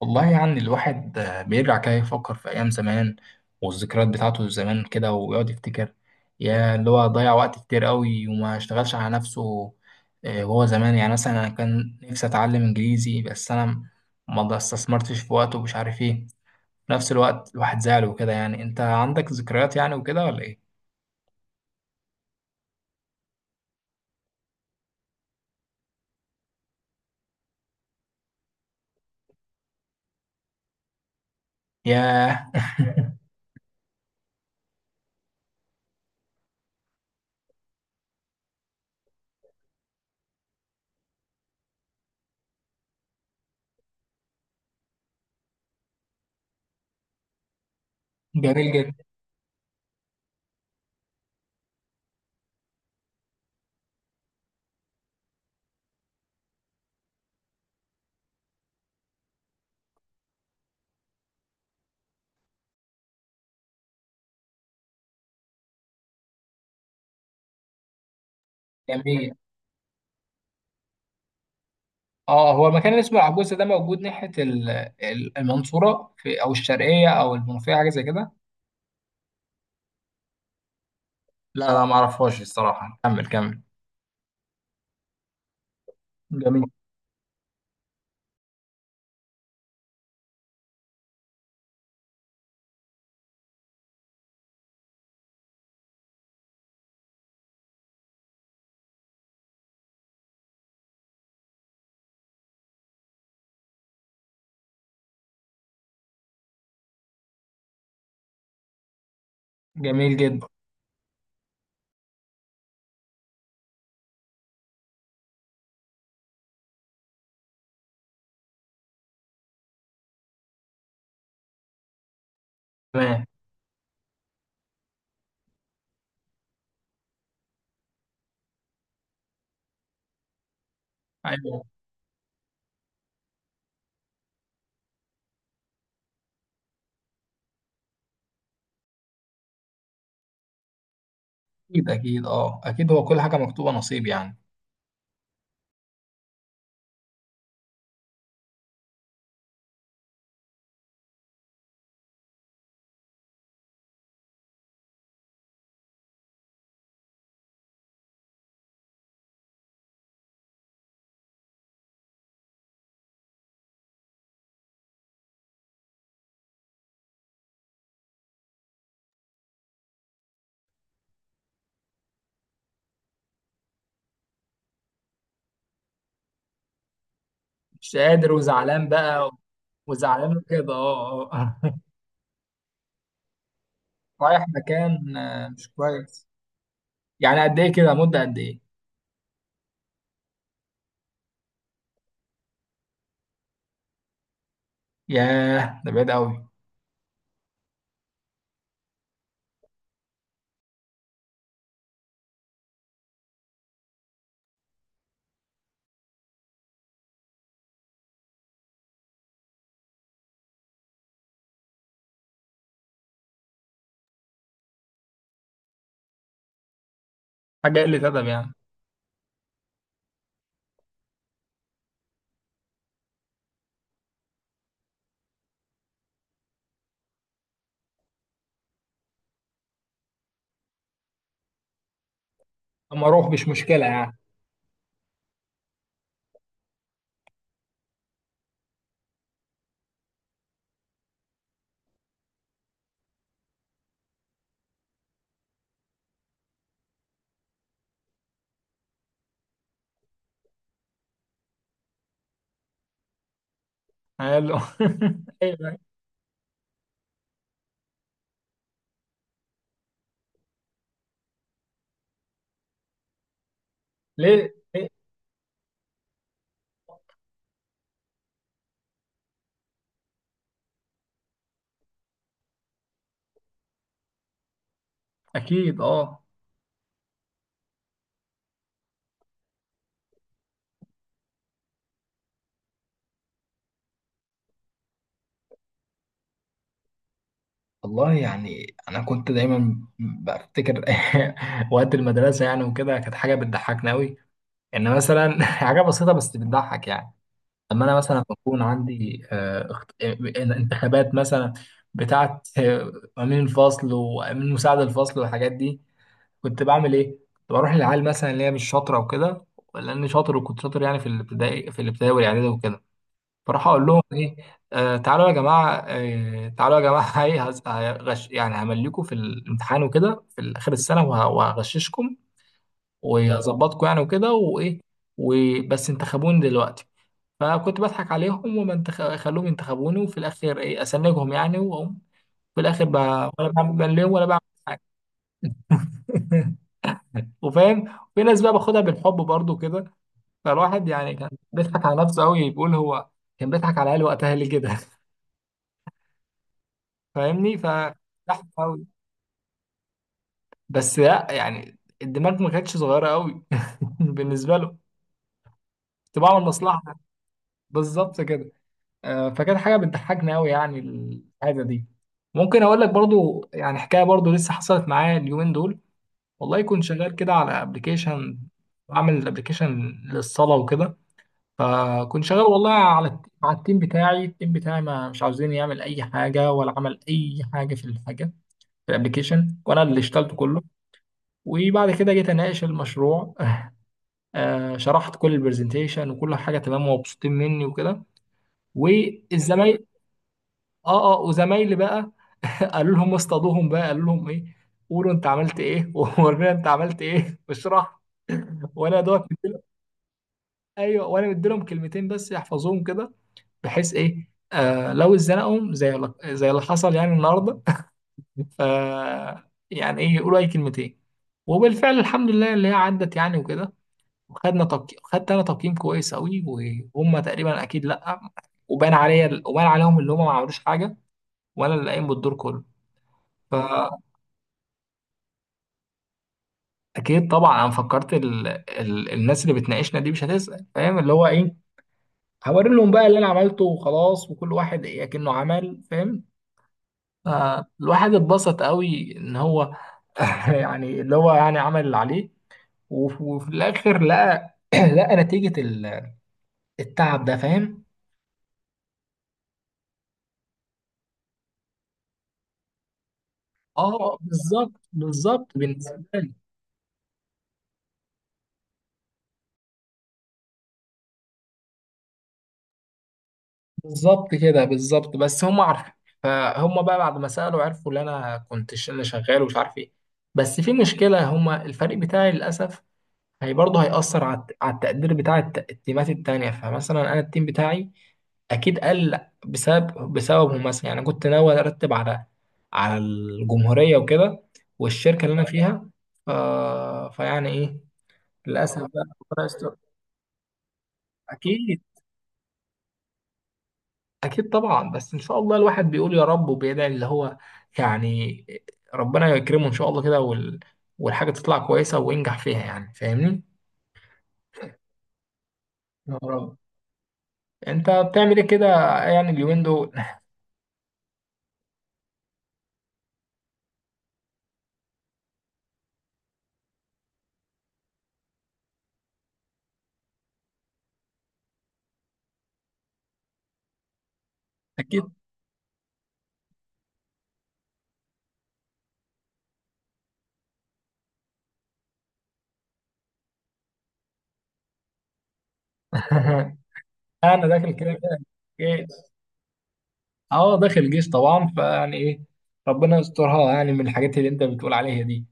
والله يعني الواحد بيرجع كده يفكر في أيام زمان، والذكريات بتاعته زمان كده ويقعد يفتكر. يا اللي هو ضيع وقت كتير قوي وما اشتغلش على نفسه. وهو زمان يعني مثلا أنا كان نفسي أتعلم إنجليزي، بس أنا ما استثمرتش في وقته ومش عارف إيه. في نفس الوقت الواحد زعل وكده. يعني أنت عندك ذكريات يعني وكده ولا إيه؟ ياه! جميل جدا. جميل. اه، هو المكان اللي اسمه العجوزة ده موجود ناحية المنصورة، في أو الشرقية أو المنوفية، حاجة زي كده؟ لا، لا، ما اعرفهاش الصراحة. كمل، كمل. جميل. جميل جدا. تمام. ايوه. اكيد، اكيد. اه، اكيد، هو كل حاجة مكتوبة نصيب يعني. مش قادر وزعلان بقى. وزعلان كده، اه، اه. رايح مكان مش كويس. يعني قد ايه كده؟ مدة قد ايه؟ ياه، ده بعيد قوي. حاجة قلة أدب يعني. اما اروح، مش مشكلة يعني. حلو. ايوه. ليه؟ ليه؟ اكيد، اه. والله يعني انا كنت دايما بفتكر وقت المدرسه يعني وكده، كانت حاجه بتضحكنا قوي. ان مثلا حاجه بسيطه بس بتضحك يعني. لما انا مثلا بكون عندي انتخابات مثلا، بتاعت امين الفصل وامين مساعد الفصل والحاجات دي. كنت بعمل ايه؟ كنت بروح للعيال مثلا اللي هي مش شاطره وكده، لاني شاطر وكنت شاطر يعني، في الابتدائي والاعدادي وكده. فراح اقول لهم ايه، تعالوا يا جماعه، تعالوا يا جماعه. ايه، هغش يعني همليكوا في الامتحان وكده في اخر السنه، وهغششكم وهظبطكم يعني وكده وايه. وبس انتخبوني دلوقتي. فكنت بضحك عليهم. خلوهم ينتخبوني، وفي الاخر ايه اسنجهم يعني واقوم. في الاخر ب... ولا بعمل بان ليهم، ولا بعمل حاجه. وفاهم في ناس بقى باخدها بالحب برضو كده. فالواحد يعني كان بيضحك على نفسه قوي، بيقول هو كان بيضحك على العيال وقتها ليه كده. فاهمني؟ زحمة أوي. بس لا، يعني الدماغ ما كانتش صغيرة أوي. بالنسبة له. كنت بعمل مصلحة. بالظبط كده. فكانت حاجة بتضحكني أوي يعني الحاجة دي. ممكن أقول لك برضو يعني، حكاية برضو لسه حصلت معايا اليومين دول. والله كنت شغال كده على أبلكيشن، بعمل أبلكيشن للصلاة وكده. فكنت شغال والله على التيم بتاعي. ما مش عاوزين يعمل أي حاجة، ولا عمل أي حاجة في الحاجة، في الأبلكيشن. وأنا اللي اشتغلت كله. وبعد كده جيت اناقش المشروع. شرحت كل البرزنتيشن وكل حاجه تمام، ومبسوطين مني وكده. والزمايل. اه، اه. وزمايلي بقى. قالوا لهم ايه، قولوا انت عملت ايه. وورينا انت عملت ايه واشرح. وانا دوت مديلهم. ايوه، وانا مديلهم كلمتين بس يحفظوهم كده، بحيث ايه لو اتزنقهم زي اللي حصل يعني النهارده. ف يعني ايه يقولوا اي كلمتين. وبالفعل الحمد لله اللي هي عدت يعني وكده، وخدنا تقييم، خدت انا تقييم كويس قوي. وهم تقريبا اكيد لا. وبان عليا، وبان عليهم اللي هم ما عملوش حاجه، وانا اللي قايم بالدور كله. فاكيد. طبعا انا فكرت الناس اللي بتناقشنا دي مش هتسال، فاهم اللي هو ايه. هوري لهم بقى اللي انا عملته وخلاص، وكل واحد ايه كأنه عمل، فاهم. فالواحد اتبسط قوي ان هو يعني اللي هو يعني عمل اللي عليه. وفي الاخر لقى لقى نتيجه التعب ده، فاهم. اه، بالظبط، بالظبط بالنسبه لي. بالظبط كده، بالظبط، بس هم عارفين. فهم بقى بعد ما سالوا عرفوا ان انا شغال ومش عارف ايه. بس في مشكله، هم الفريق بتاعي للاسف. هي برضه هيأثر على التقدير بتاع التيمات التانية، فمثلا انا التيم بتاعي اكيد قل، بسببهم. مثلا يعني كنت ناوي ارتب على الجمهوريه وكده، والشركه اللي انا فيها. ف... فيعني ايه، للاسف بقى. ربنا يستر. اكيد. أكيد طبعا، بس إن شاء الله الواحد بيقول يا رب وبيدعي، اللي هو يعني ربنا يكرمه إن شاء الله كده، والحاجة تطلع كويسة وينجح فيها يعني، فاهمني؟ يا رب. أنت بتعمل إيه كده يعني اليومين دول؟ أكيد. أنا داخل كده كده جيش. أه، داخل جيش طبعا، فيعني إيه، ربنا يسترها يعني من الحاجات اللي أنت بتقول عليها دي.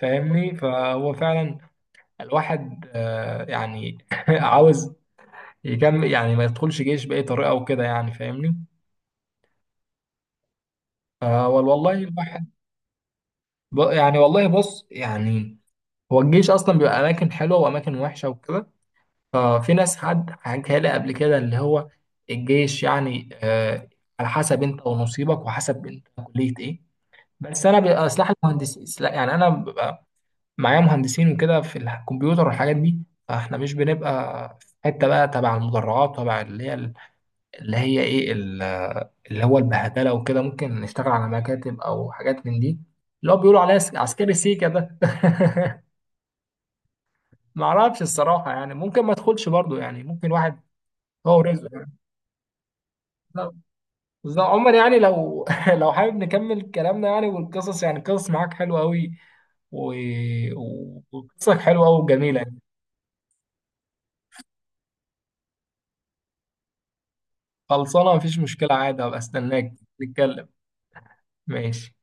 فاهمني؟ فهو فعلا الواحد يعني عاوز يكمل، يعني ما يدخلش جيش بأي طريقة وكده يعني، فاهمني؟ والله الواحد يعني، والله بص يعني، هو الجيش اصلا بيبقى اماكن حلوه واماكن وحشه وكده. ففي ناس، حد حكى لي قبل كده اللي هو الجيش يعني على حسب انت ونصيبك، وحسب انت كليه ايه. بس انا بيبقى سلاح المهندسين، يعني انا ببقى معايا مهندسين وكده في الكمبيوتر والحاجات دي. فاحنا مش بنبقى في حته بقى تبع المدرعات، تبع اللي هي، اللي هي ايه اللي هو البهدله وكده. ممكن نشتغل على مكاتب او حاجات من دي، اللي هو بيقولوا عليها عسكري سيكا ده. ما اعرفش الصراحه يعني، ممكن ما ادخلش برضو يعني، ممكن واحد، هو رزقه يعني. بالظبط. بالظبط. عمر، يعني لو لو حابب نكمل كلامنا يعني، والقصص يعني، القصص معاك حلوه قوي، و... وقصصك حلوه قوي وجميله يعني. خلصانه، مفيش مشكله عادي، هبقى استناك. نتكلم. ماشي.